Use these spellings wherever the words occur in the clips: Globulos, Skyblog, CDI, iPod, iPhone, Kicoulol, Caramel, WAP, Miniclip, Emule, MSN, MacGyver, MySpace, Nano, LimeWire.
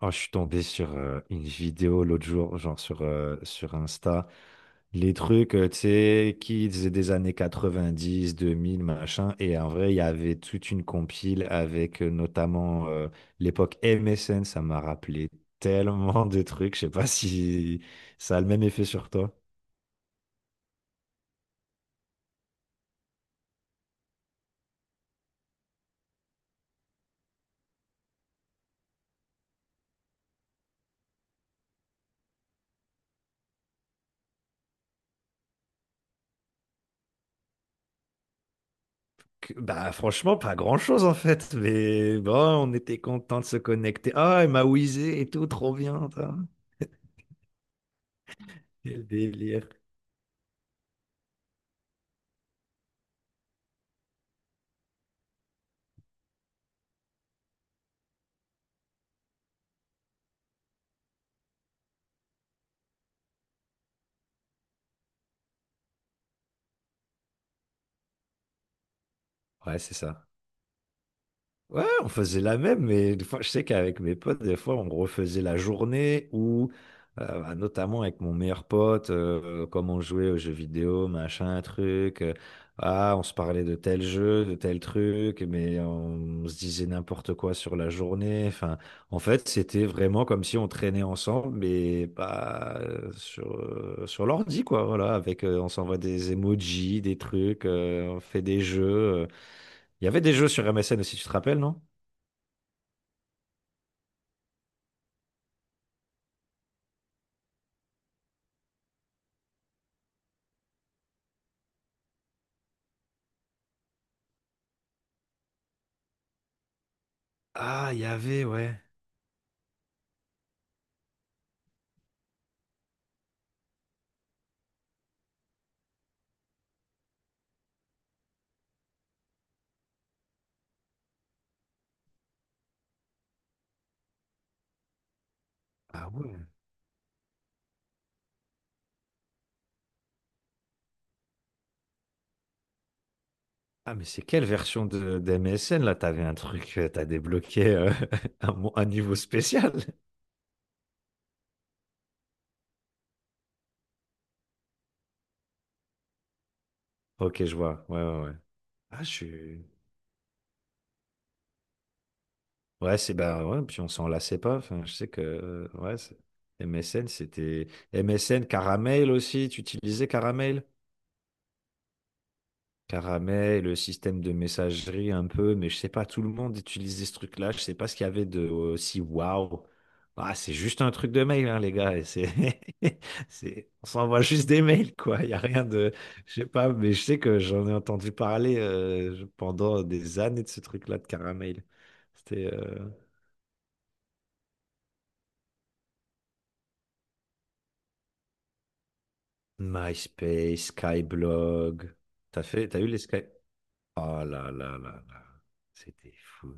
Oh, je suis tombé sur une vidéo l'autre jour, genre sur, sur Insta. Les trucs, tu sais, kids des années 90, 2000, machin. Et en vrai, il y avait toute une compile avec notamment l'époque MSN. Ça m'a rappelé tellement de trucs. Je sais pas si ça a le même effet sur toi. Bah franchement, pas grand-chose en fait. Mais bon, on était content de se connecter. Ah, elle m'a whizzé et tout, trop bien. Tain. Quel délire. Ouais, c'est ça. Ouais, on faisait la même, mais des fois, je sais qu'avec mes potes, des fois, on refaisait la journée ou notamment avec mon meilleur pote, comme on jouait aux jeux vidéo, machin, truc. On se parlait de tel jeu, de tel truc, mais on se disait n'importe quoi sur la journée. Enfin, en fait, c'était vraiment comme si on traînait ensemble, mais pas sur l'ordi, quoi. Voilà, avec, on s'envoie des emojis, des trucs, on fait des jeux. Il y avait des jeux sur MSN aussi, tu te rappelles, non? Ah, il y avait, ouais. Ah ouais. Ah, mais c'est quelle version de, d'MSN là? T'avais un truc, t'as débloqué un niveau spécial. Ok, je vois. Ouais, ouais, ouais. Ah, je suis. Ouais, c'est bah ouais, puis on s'en lassait pas. Enfin, je sais que ouais, MSN, c'était. MSN, Caramel aussi, tu utilisais Caramel? Caramel, le système de messagerie un peu, mais je sais pas, tout le monde utilisait ce truc-là. Je sais pas ce qu'il y avait de aussi waouh. Ah, c'est juste un truc de mail, hein, les gars. Et c'est, c'est, on s'envoie juste des mails, quoi. Il y a rien de, je sais pas, mais je sais que j'en ai entendu parler pendant des années de ce truc-là de Caramel. C'était MySpace, Skyblog. T'as fait, t'as eu les Sky? Oh là là là là, c'était fou.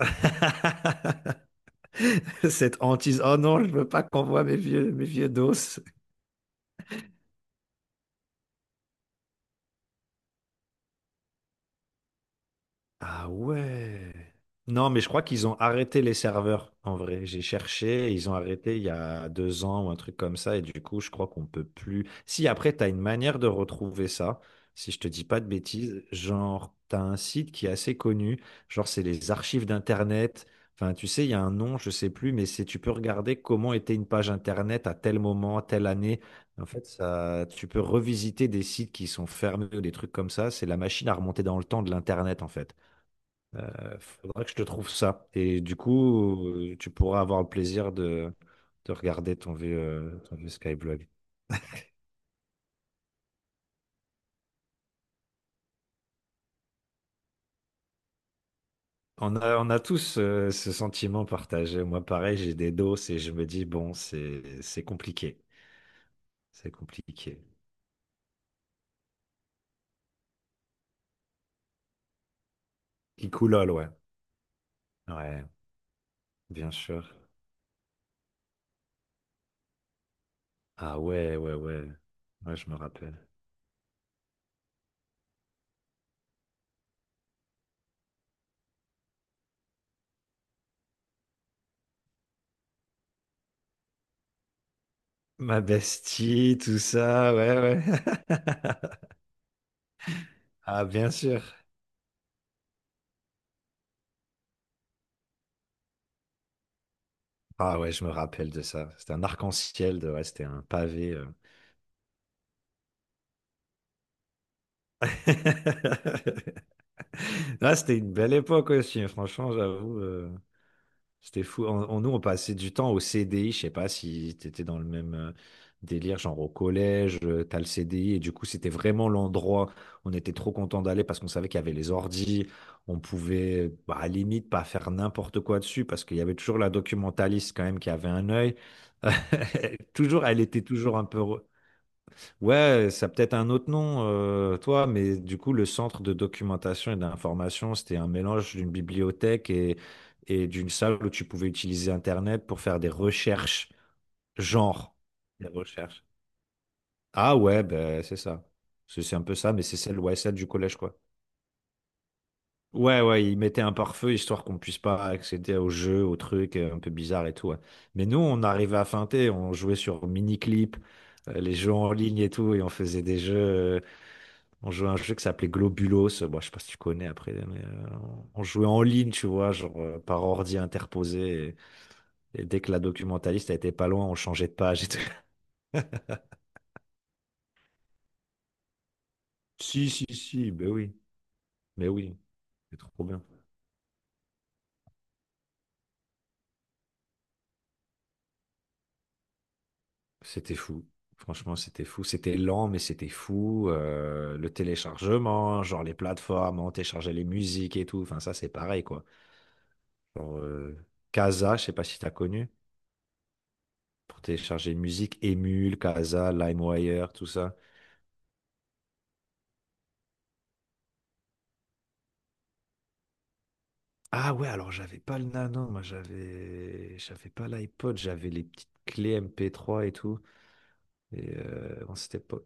Cette hantise. Oh non, je veux pas qu'on voit mes vieux dos. Ah ouais. Non, mais je crois qu'ils ont arrêté les serveurs, en vrai. J'ai cherché, et ils ont arrêté il y a 2 ans ou un truc comme ça, et du coup, je crois qu'on peut plus. Si après, tu as une manière de retrouver ça, si je te dis pas de bêtises, genre, tu as un site qui est assez connu, genre, c'est les archives d'Internet. Enfin, tu sais, il y a un nom, je sais plus, mais c'est tu peux regarder comment était une page Internet à tel moment, à telle année. En fait, ça, tu peux revisiter des sites qui sont fermés ou des trucs comme ça. C'est la machine à remonter dans le temps de l'Internet, en fait. Faudra que je te trouve ça. Et du coup, tu pourras avoir le plaisir de regarder ton vieux Skyblog. On a tous ce sentiment partagé. Moi, pareil, j'ai des doses et je me dis, bon, c'est compliqué. C'est compliqué. Kicoulol, ouais. Ouais, bien sûr. Ah ouais, ouais, ouais. Ouais, je me rappelle. Ma bestie, tout ça, ouais, ouais. Ah, bien sûr. Ah ouais, je me rappelle de ça. C'était un arc-en-ciel, de, ouais, c'était un pavé. Là, c'était une belle époque aussi, hein. Franchement, j'avoue. C'était fou. Nous, on passait du temps au CDI. Je sais pas si t'étais dans le même délire, genre au collège, t'as le CDI. Et du coup, c'était vraiment l'endroit où on était trop content d'aller parce qu'on savait qu'il y avait les ordis. On pouvait, bah, à la limite, pas faire n'importe quoi dessus parce qu'il y avait toujours la documentaliste quand même qui avait un œil. Toujours, elle était toujours un peu. Ouais, ça a peut-être un autre nom, toi, mais du coup, le centre de documentation et d'information, c'était un mélange d'une bibliothèque et d'une salle où tu pouvais utiliser Internet pour faire des recherches, genre des recherches. Ah ouais, ben c'est ça. C'est un peu ça, mais c'est celle, ouais, celle du collège, quoi. Ouais, ouais, ils mettaient un pare-feu histoire qu'on puisse pas accéder aux jeux, aux trucs un peu bizarres et tout. Ouais. Mais nous, on arrivait à feinter, on jouait sur Miniclip, les jeux en ligne et tout, et on faisait des jeux. On jouait à un jeu qui s'appelait Globulos. Bon, je sais pas si tu connais après, mais on jouait en ligne, tu vois, genre par ordi interposé. Et dès que la documentaliste elle était pas loin, on changeait de page. Et tout. Si, si, si, ben oui, mais oui, c'est trop bien. C'était fou. Franchement, c'était fou. C'était lent, mais c'était fou. Le téléchargement, genre les plateformes, on téléchargeait les musiques et tout. Enfin, ça, c'est pareil, quoi. Genre, Casa, je sais pas si t'as connu, pour télécharger une musique, Emule, Casa, LimeWire, tout ça. Ah ouais, alors j'avais pas le Nano, moi j'avais pas l'iPod, j'avais les petites clés MP3 et tout. Et bon, c'était pas,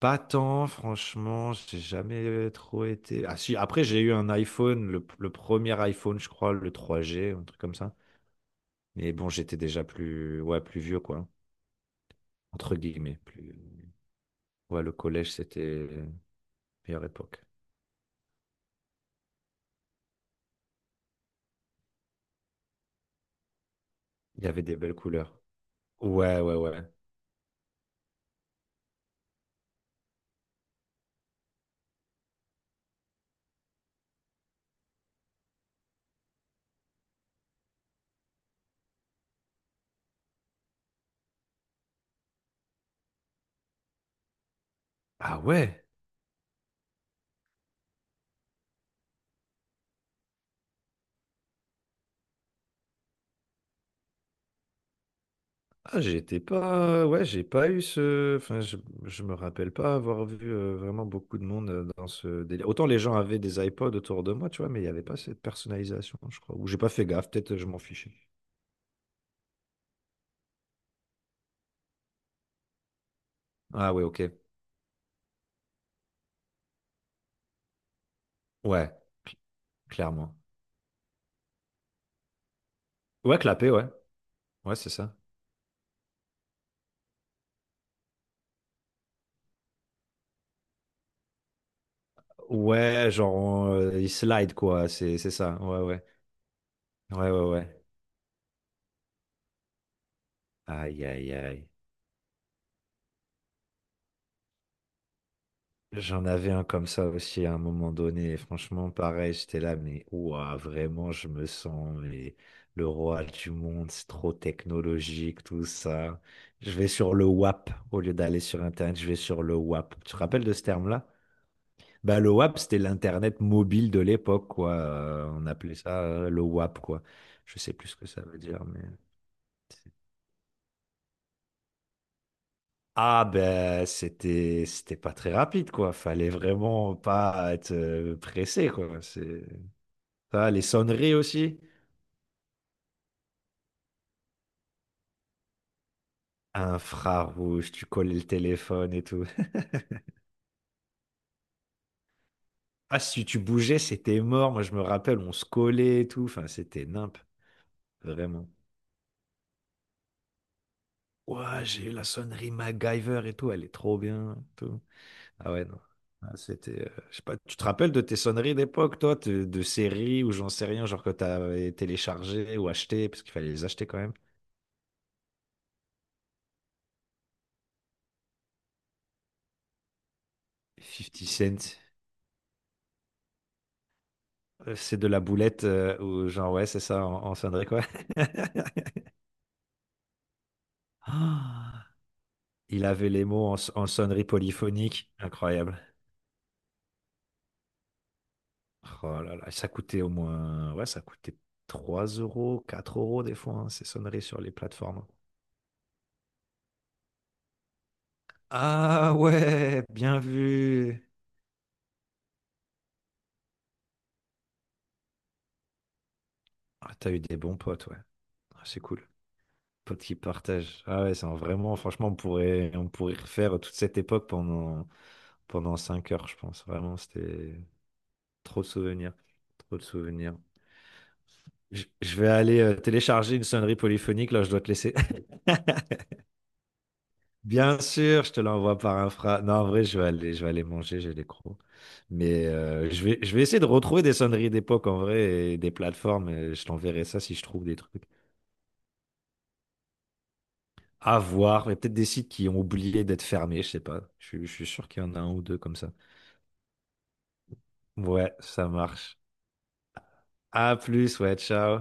pas tant, franchement, j'ai jamais trop été. Ah si, après j'ai eu un iPhone, le premier iPhone, je crois, le 3G, un truc comme ça. Mais bon, j'étais déjà plus ouais, plus vieux quoi, entre guillemets, plus ouais, le collège c'était meilleure époque. Il y avait des belles couleurs. Ouais, ouais, ouais. Ah ouais. Ah, j'étais pas, ouais, j'ai pas eu ce, enfin, je me rappelle pas avoir vu vraiment beaucoup de monde dans ce délire. Autant les gens avaient des iPods autour de moi, tu vois, mais il n'y avait pas cette personnalisation, je crois. Ou j'ai pas fait gaffe, peut-être je m'en fichais. Ah ouais, ok. Ouais, clairement. Ouais, clapé, ouais. Ouais, c'est ça. Ouais, genre, il slide, quoi, c'est ça. Ouais, ouais. Ouais, ouais, ouais. Aïe, aïe, aïe. J'en avais un comme ça aussi à un moment donné. Et franchement, pareil, j'étais là, mais ouah, vraiment, je me sens mais, le roi du monde. C'est trop technologique, tout ça. Je vais sur le WAP au lieu d'aller sur Internet. Je vais sur le WAP. Tu te rappelles de ce terme-là? Bah, le WAP, c'était l'Internet mobile de l'époque, quoi. On appelait ça le WAP, quoi. Je sais plus ce que ça veut dire, mais. Ah ben c'était c'était pas très rapide quoi, fallait vraiment pas être pressé quoi, c'est ça, les sonneries aussi. Infrarouge, tu collais le téléphone et tout. Ah, si tu bougeais, c'était mort. Moi, je me rappelle, on se collait et tout. Enfin, c'était nimp, vraiment. Ouah, j'ai eu la sonnerie MacGyver et tout. Elle est trop bien. Tout. Ah ouais, non. Ah, c'était, je sais pas, tu te rappelles de tes sonneries d'époque, toi, de séries ou j'en sais rien, genre que t'avais téléchargé ou acheté, parce qu'il fallait les acheter quand même. 50 Cent, c'est de la boulette, ou genre, ouais, c'est ça, en, en sonnerie, quoi. Ah, il avait les mots en, en sonnerie polyphonique. Incroyable. Oh là là, ça coûtait au moins, ouais, ça coûtait 3 euros, 4 euros des fois, hein, ces sonneries sur les plateformes. Ah ouais, bien vu. Ah, t'as eu des bons potes, ouais. Ah, c'est cool. Potes qui partagent. Ah ouais, vraiment, franchement, on pourrait refaire toute cette époque pendant, pendant 5 heures, je pense. Vraiment, c'était trop de souvenirs. Trop de souvenirs. Je vais aller télécharger une sonnerie polyphonique, là, je dois te laisser. Bien sûr, je te l'envoie par infra. Non, en vrai, je vais aller manger, j'ai les crocs. Mais je vais essayer de retrouver des sonneries d'époque en vrai et des plateformes. Et je t'enverrai ça si je trouve des trucs à voir. Mais peut-être des sites qui ont oublié d'être fermés, je sais pas. Je suis sûr qu'il y en a un ou deux comme ça. Ouais, ça marche. À plus, ouais, ciao.